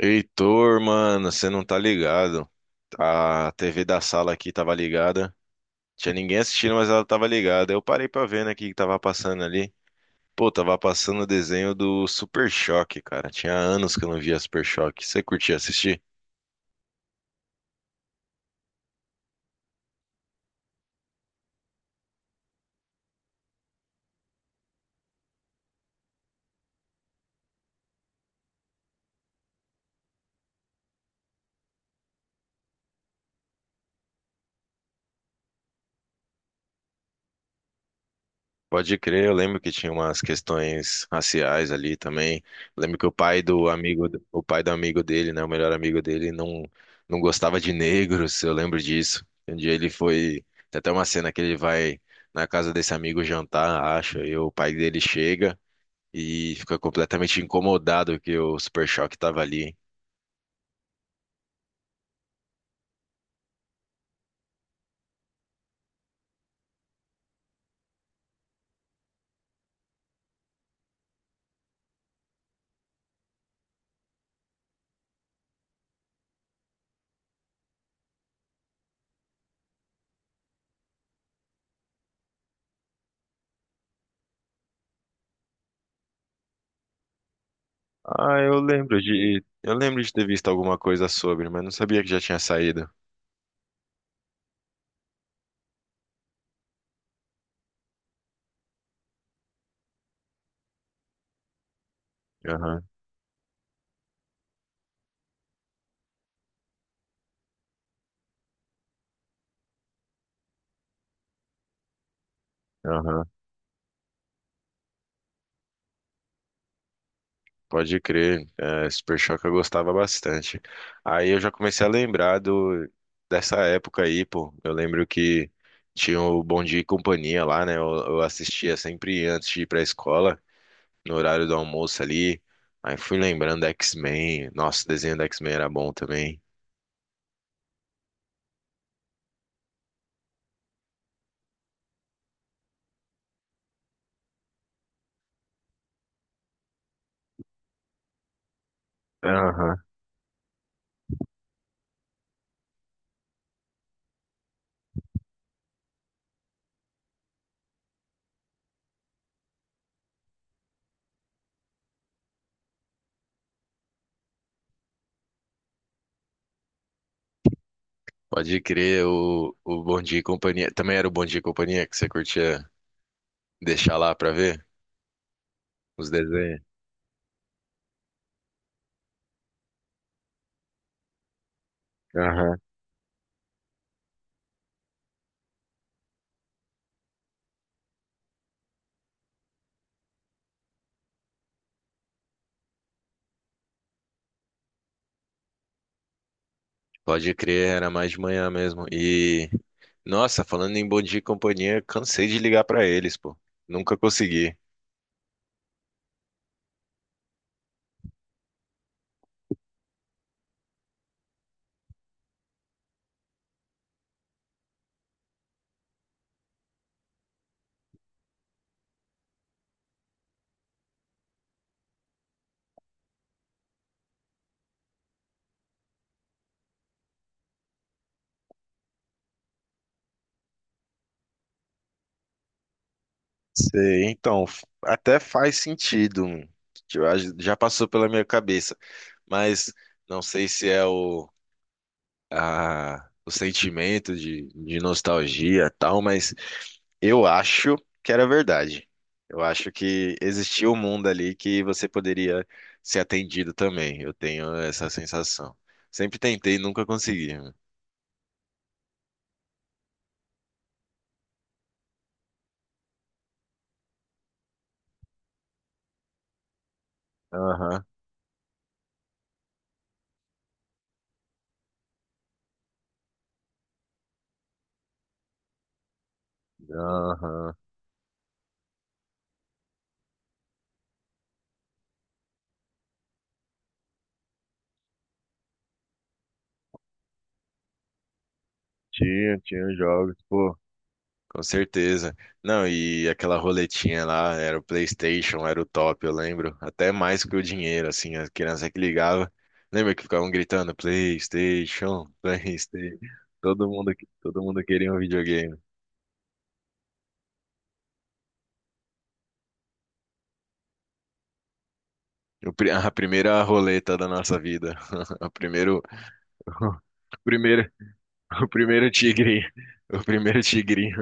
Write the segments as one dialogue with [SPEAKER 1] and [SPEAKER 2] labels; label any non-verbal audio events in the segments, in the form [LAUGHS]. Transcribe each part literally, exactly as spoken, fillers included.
[SPEAKER 1] Heitor, mano, você não tá ligado. A T V da sala aqui tava ligada. Tinha ninguém assistindo, mas ela tava ligada. Eu parei pra ver, né, o que que tava passando ali. Pô, tava passando o desenho do Super Choque, cara. Tinha anos que eu não via Super Choque. Você curtia assistir? Pode crer, eu lembro que tinha umas questões raciais ali também. Eu lembro que o pai do amigo, o pai do amigo dele, né, o melhor amigo dele, não, não gostava de negros, eu lembro disso. Um dia ele foi, tem até uma cena que ele vai na casa desse amigo jantar, acho, e o pai dele chega e fica completamente incomodado que o Super Choque tava ali. Ah, eu lembro de, eu lembro de ter visto alguma coisa sobre, mas não sabia que já tinha saído. Aham, aham. Pode crer, é, Super Choque eu gostava bastante. Aí eu já comecei a lembrar do, dessa época aí, pô. Eu lembro que tinha o Bom Dia e Companhia lá, né? Eu, eu assistia sempre antes de ir pra escola, no horário do almoço ali. Aí fui lembrando da X-Men. Nossa, o desenho da X-Men era bom também. Aham. Pode crer, o, o Bom Dia e Companhia. Também era o Bom Dia e Companhia que você curtia deixar lá pra ver os desenhos? Pode crer, era mais de manhã mesmo. E, nossa, falando em Bom Dia e Companhia, cansei de ligar pra eles, pô. Nunca consegui. Sei, então, f- até faz sentido. Hum. Eu acho, já passou pela minha cabeça, mas não sei se é o, a- o sentimento de, de nostalgia e tal, mas eu acho que era verdade. Eu acho que existia um mundo ali que você poderia ser atendido também. Eu tenho essa sensação. Sempre tentei e nunca consegui, né? Aham, aham. Tinha, tinha jogos, pô. Com certeza. Não, e aquela roletinha lá, era o PlayStation, era o top, eu lembro. Até mais que o dinheiro, assim, a criança que ligava. Lembra que ficavam gritando PlayStation, [LAUGHS] PlayStation. Todo mundo, todo mundo queria um videogame. O pri- A primeira roleta da nossa vida. [LAUGHS] O primeiro, o primeiro, o primeiro tigre. O primeiro tigrinho.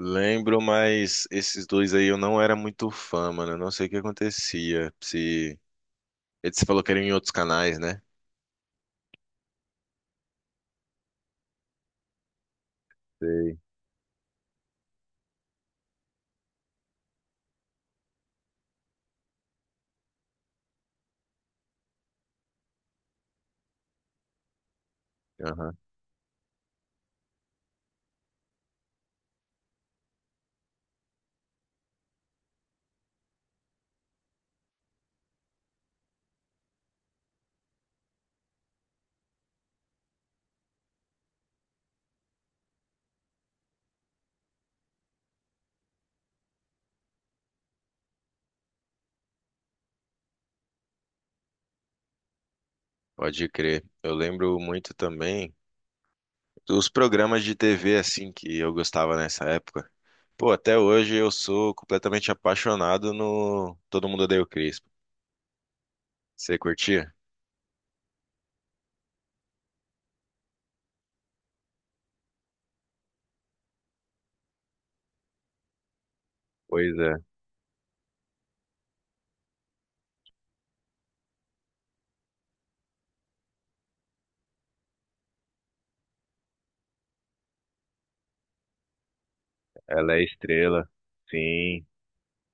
[SPEAKER 1] Lembro, mas esses dois aí eu não era muito fã, mano. Eu não sei o que acontecia. Se... você falou que era em outros canais, né? Sei. Aham. Pode crer. Eu lembro muito também. Os programas de T V, assim, que eu gostava nessa época. Pô, até hoje eu sou completamente apaixonado no Todo Mundo Odeia o Chris. Você curtia? Pois é, ela é estrela. Sim,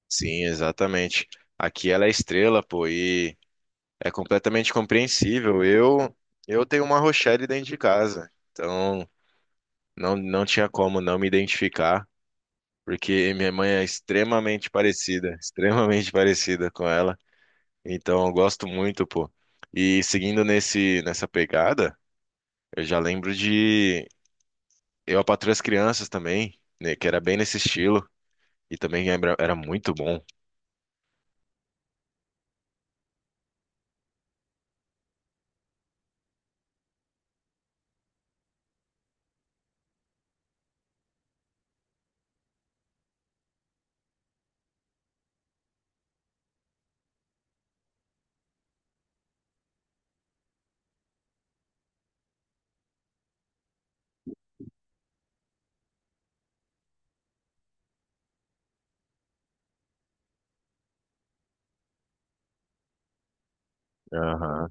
[SPEAKER 1] sim, exatamente. Aqui ela é estrela, pô, e é completamente compreensível. Eu, eu tenho uma Rochelle dentro de casa, então não, não tinha como não me identificar, porque minha mãe é extremamente parecida, [LAUGHS] extremamente parecida com ela. Então eu gosto muito, pô. E seguindo nesse nessa pegada, eu já lembro de eu, a Patroa e as Crianças também, né, que era bem nesse estilo e também lembra- era muito bom. Aham.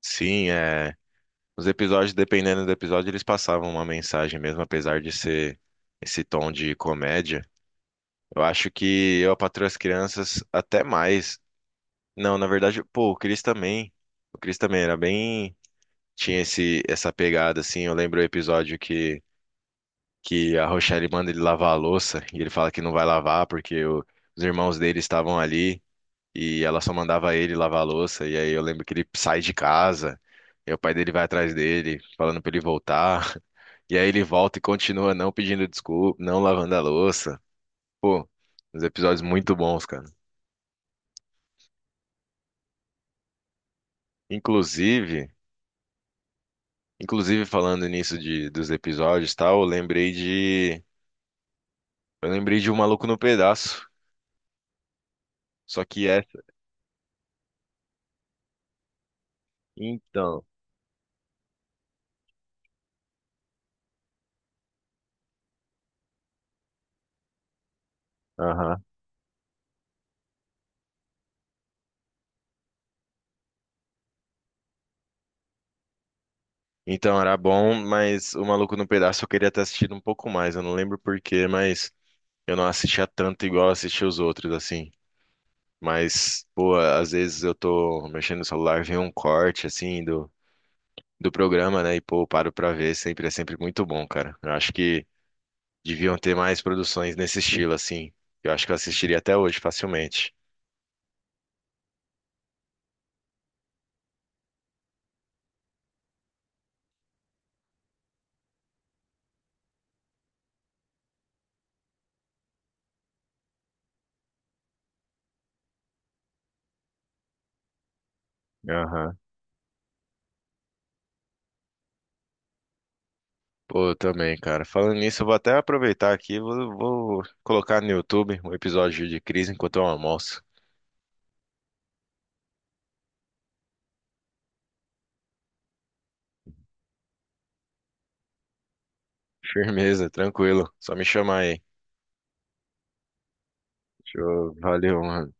[SPEAKER 1] Sim, é, os episódios, dependendo do episódio, eles passavam uma mensagem mesmo, apesar de ser esse tom de comédia. Eu acho que Eu, a Patroa e as Crianças até mais. Não, na verdade, pô, o Chris também. O Chris também era bem, tinha esse essa pegada assim. Eu lembro o episódio que que a Rochelle manda ele lavar a louça e ele fala que não vai lavar porque o- os irmãos dele estavam ali e ela só mandava ele lavar a louça. E aí eu lembro que ele sai de casa e o pai dele vai atrás dele falando pra ele voltar. [LAUGHS] E aí ele volta e continua não pedindo desculpa, não lavando a louça. Pô, uns episódios muito bons, cara. Inclusive, inclusive falando nisso de, dos episódios e tal, eu lembrei de, eu lembrei de O Maluco no Pedaço. Só que essa, então, aham. Então era bom, mas o Maluco no Pedaço eu queria ter assistido um pouco mais. Eu não lembro por quê, mas eu não assistia tanto igual eu assistia os outros, assim. Mas, pô, às vezes eu tô mexendo no celular, vem um corte, assim, do, do programa, né? E, pô, eu paro pra ver, sempre é sempre muito bom, cara. Eu acho que deviam ter mais produções nesse estilo, assim. Eu acho que eu assistiria até hoje facilmente. Aham. Pô, eu também, cara. Falando nisso, eu vou até aproveitar aqui, vou, vou colocar no YouTube um episódio de crise enquanto eu almoço. Firmeza, tranquilo. Só me chamar aí. Show, valeu, mano.